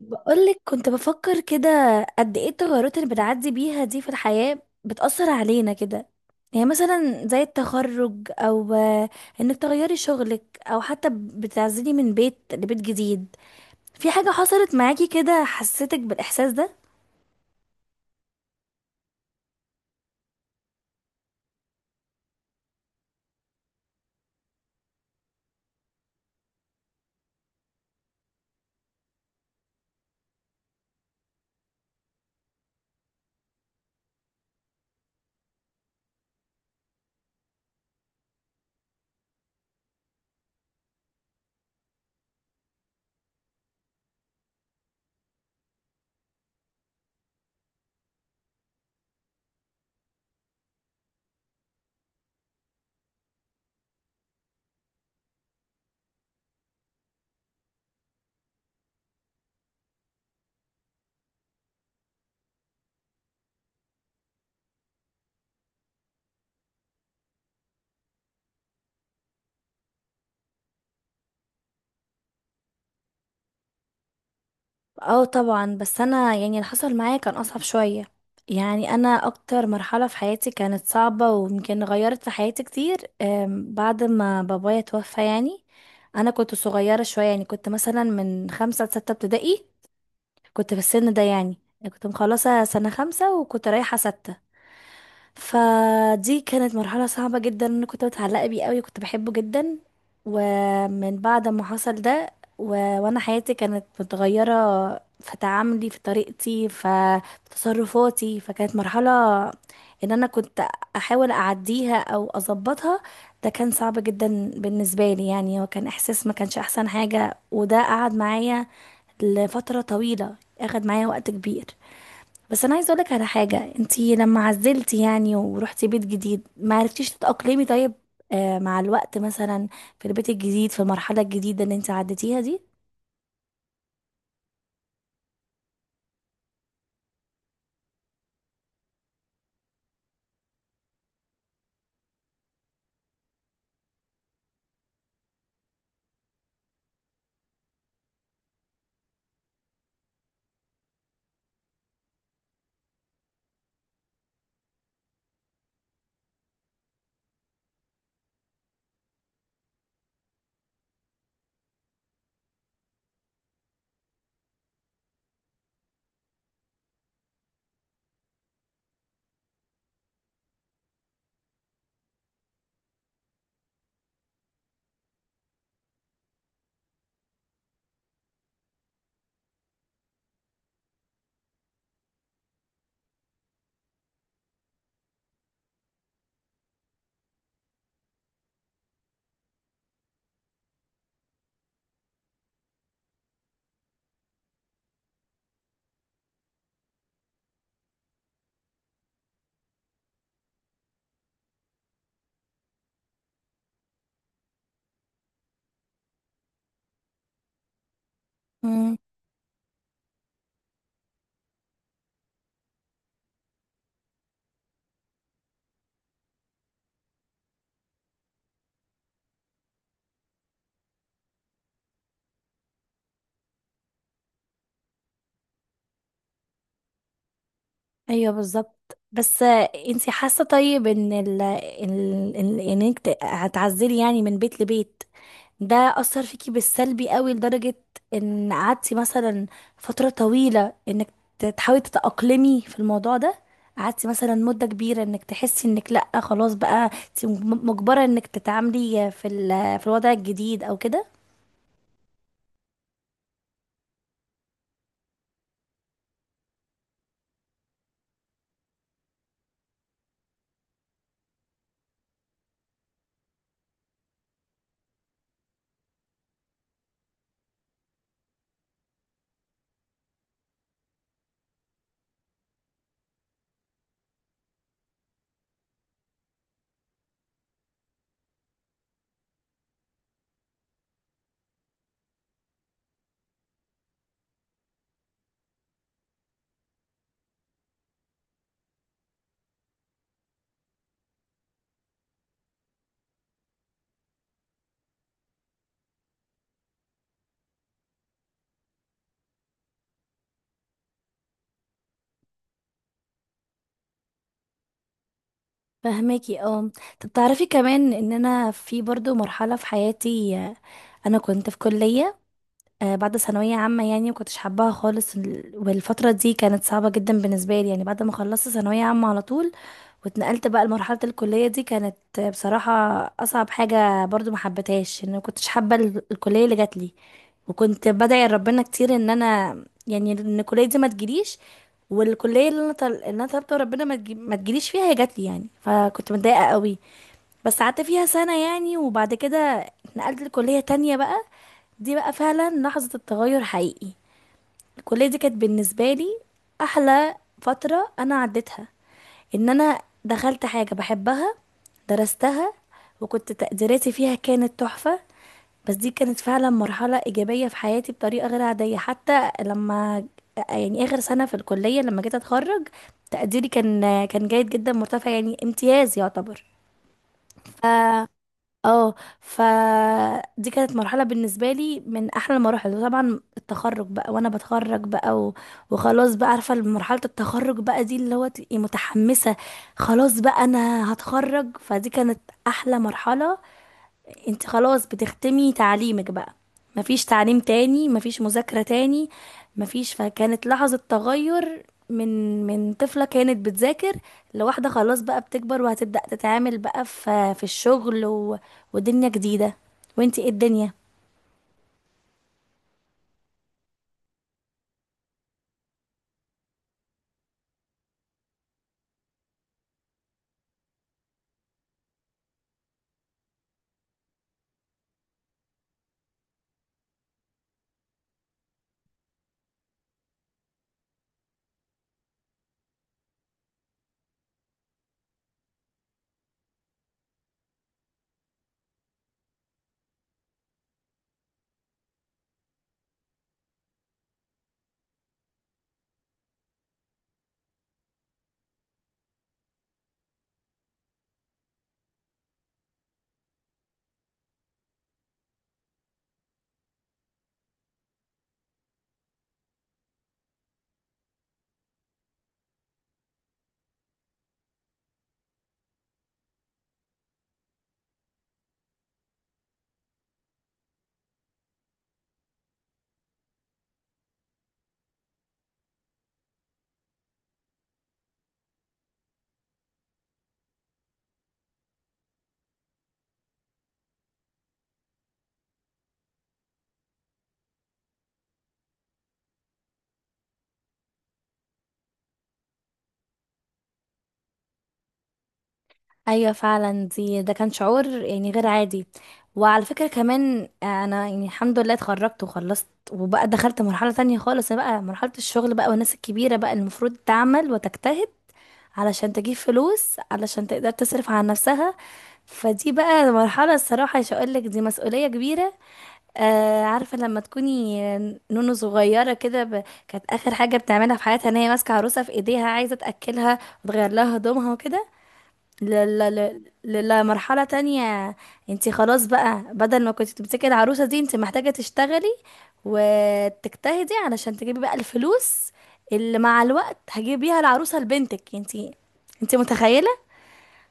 بقولك كنت بفكر كده. قد ايه التغيرات اللي بتعدي بيها دي في الحياة بتأثر علينا كده؟ يعني مثلا زي التخرج او انك تغيري شغلك او حتى بتعزلي من بيت لبيت جديد. في حاجة حصلت معاكي كده حسيتك بالإحساس ده؟ اه طبعا. بس انا يعني اللي حصل معايا كان اصعب شوية. يعني انا اكتر مرحلة في حياتي كانت صعبة ويمكن غيرت في حياتي كتير، بعد ما بابايا توفى يعني. انا كنت صغيرة شوية، يعني كنت مثلا من 5 لستة ابتدائي، كنت في السن ده. يعني كنت مخلصة سنة 5 وكنت رايحة 6. فدي كانت مرحلة صعبة جدا، انا كنت متعلقة بيه قوي كنت بحبه جدا. ومن بعد ما حصل ده و... وانا حياتي كانت متغيرة في تعاملي، في طريقتي، في تصرفاتي. فكانت مرحلة ان انا كنت احاول اعديها او اظبطها. ده كان صعب جدا بالنسبة لي، يعني هو كان احساس ما كانش احسن حاجة، وده قعد معايا لفترة طويلة، اخد معايا وقت كبير. بس انا عايزه اقولك على حاجه، انتي لما عزلتي يعني ورحتي بيت جديد ما عرفتيش تتاقلمي؟ طيب، آه مع الوقت مثلا، في البيت الجديد، في المرحله الجديده اللي انتي عديتيها دي؟ امم. ايوه بالظبط. بس انتي حاسه طيب ان انك هتعزلي يعني من بيت لبيت، ده أثر فيكي بالسلبي قوي، لدرجة إن قعدتي مثلا فترة طويلة إنك تحاولي تتأقلمي في الموضوع ده؟ قعدتي مثلا مدة كبيرة إنك تحسي إنك لأ خلاص بقى انت مجبرة إنك تتعاملي في في الوضع الجديد أو كده؟ فهماكي اه. طب تعرفي كمان إن أنا في برضو مرحلة في حياتي، أنا كنت في كلية بعد ثانوية عامة، يعني مكنتش حباها خالص. والفترة دي كانت صعبة جدا بالنسبة لي، يعني بعد ما خلصت ثانوية عامة على طول واتنقلت بقى لمرحلة الكلية. دي كانت بصراحة أصعب حاجة، برضو ما حبيتهاش. إن ما كنتش حابة الكلية اللي جات لي، وكنت بدعي لربنا كتير إن أنا يعني إن الكلية دي ما تجيليش. والكلية اللي اللي أنا طلبت ربنا ما تجيليش فيها هي جات لي، يعني فكنت متضايقة قوي. بس قعدت فيها سنة يعني، وبعد كده اتنقلت لكلية تانية بقى. دي بقى فعلا لحظة التغير حقيقي. الكلية دي كانت بالنسبة لي أحلى فترة أنا عديتها، إن أنا دخلت حاجة بحبها، درستها، وكنت تقديراتي فيها كانت تحفة. بس دي كانت فعلا مرحلة إيجابية في حياتي بطريقة غير عادية. حتى لما يعني آخر سنة في الكلية لما جيت أتخرج، تقديري كان جيد جدا مرتفع، يعني امتياز يعتبر. اه. فدي كانت مرحلة بالنسبة لي من أحلى المراحل. وطبعا التخرج بقى وأنا بتخرج بقى وخلاص بقى، عارفة مرحلة التخرج بقى دي اللي هو تبقي متحمسة. خلاص بقى أنا هتخرج، فدي كانت أحلى مرحلة. انت خلاص بتختمي تعليمك بقى، مفيش تعليم تاني، مفيش مذاكرة تاني، مفيش. فكانت لحظة تغير من طفلة كانت بتذاكر لواحدة خلاص بقى بتكبر وهتبدأ تتعامل بقى في الشغل ودنيا جديدة. وانتي ايه الدنيا؟ ايوه فعلا. ده كان شعور يعني غير عادي. وعلى فكرة كمان انا يعني الحمد لله اتخرجت وخلصت وبقى دخلت مرحلة تانية خالص، بقى مرحلة الشغل بقى والناس الكبيرة بقى المفروض تعمل وتجتهد علشان تجيب فلوس علشان تقدر تصرف على نفسها. فدي بقى مرحلة، الصراحة مش هقولك، دي مسؤولية كبيرة. آه عارفة لما تكوني نونو صغيرة كده، كانت آخر حاجة بتعملها في حياتها ان هي ماسكة عروسة في ايديها عايزة تأكلها وتغير لها هدومها وكده، لمرحلة تانية. انت خلاص بقى بدل ما كنت بتمسكي العروسة دي انت محتاجة تشتغلي وتجتهدي علشان تجيبي بقى الفلوس اللي مع الوقت هجيب بيها العروسة لبنتك انت. انت متخيلة؟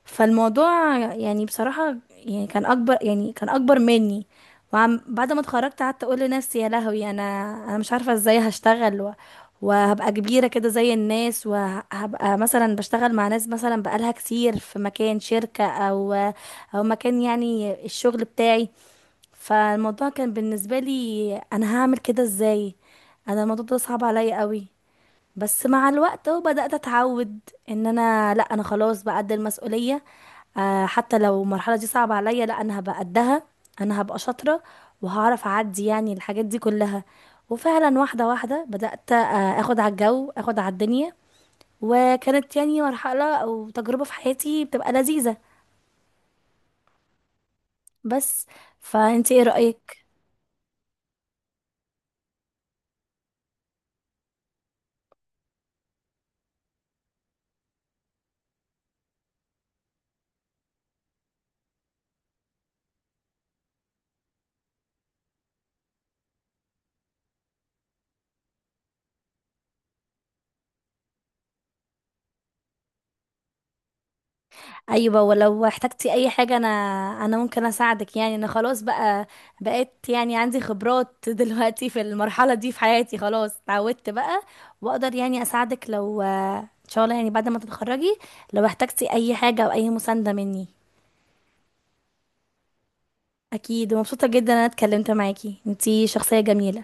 فالموضوع يعني بصراحة يعني كان أكبر، يعني كان أكبر مني. وعم بعد ما اتخرجت قعدت أقول لنفسي يا لهوي، أنا أنا مش عارفة إزاي هشتغل وهبقى كبيرة كده زي الناس، وهبقى مثلا بشتغل مع ناس مثلا بقالها كتير في مكان شركة أو مكان يعني الشغل بتاعي. فالموضوع كان بالنسبة لي أنا هعمل كده إزاي؟ أنا الموضوع ده صعب عليا قوي. بس مع الوقت اهو بدأت اتعود ان انا لا انا خلاص بقى قد المسؤولية. آه حتى لو المرحلة دي صعبة عليا لا انا هبقى قدها، انا هبقى شاطرة وهعرف اعدي يعني الحاجات دي كلها. وفعلا واحدة واحدة بدأت اخد على الجو، اخد على الدنيا. وكانت يعني مرحلة او تجربة في حياتي بتبقى لذيذة بس. فانت ايه رأيك؟ ايوه، ولو احتجتي اي حاجه انا، انا ممكن اساعدك. يعني انا خلاص بقى بقيت يعني عندي خبرات دلوقتي في المرحله دي في حياتي، خلاص اتعودت بقى واقدر يعني اساعدك. لو ان شاء الله يعني بعد ما تتخرجي لو احتجتي اي حاجه او اي مسانده مني. اكيد، ومبسوطه جدا إن انا اتكلمت معاكي، انتي شخصيه جميله.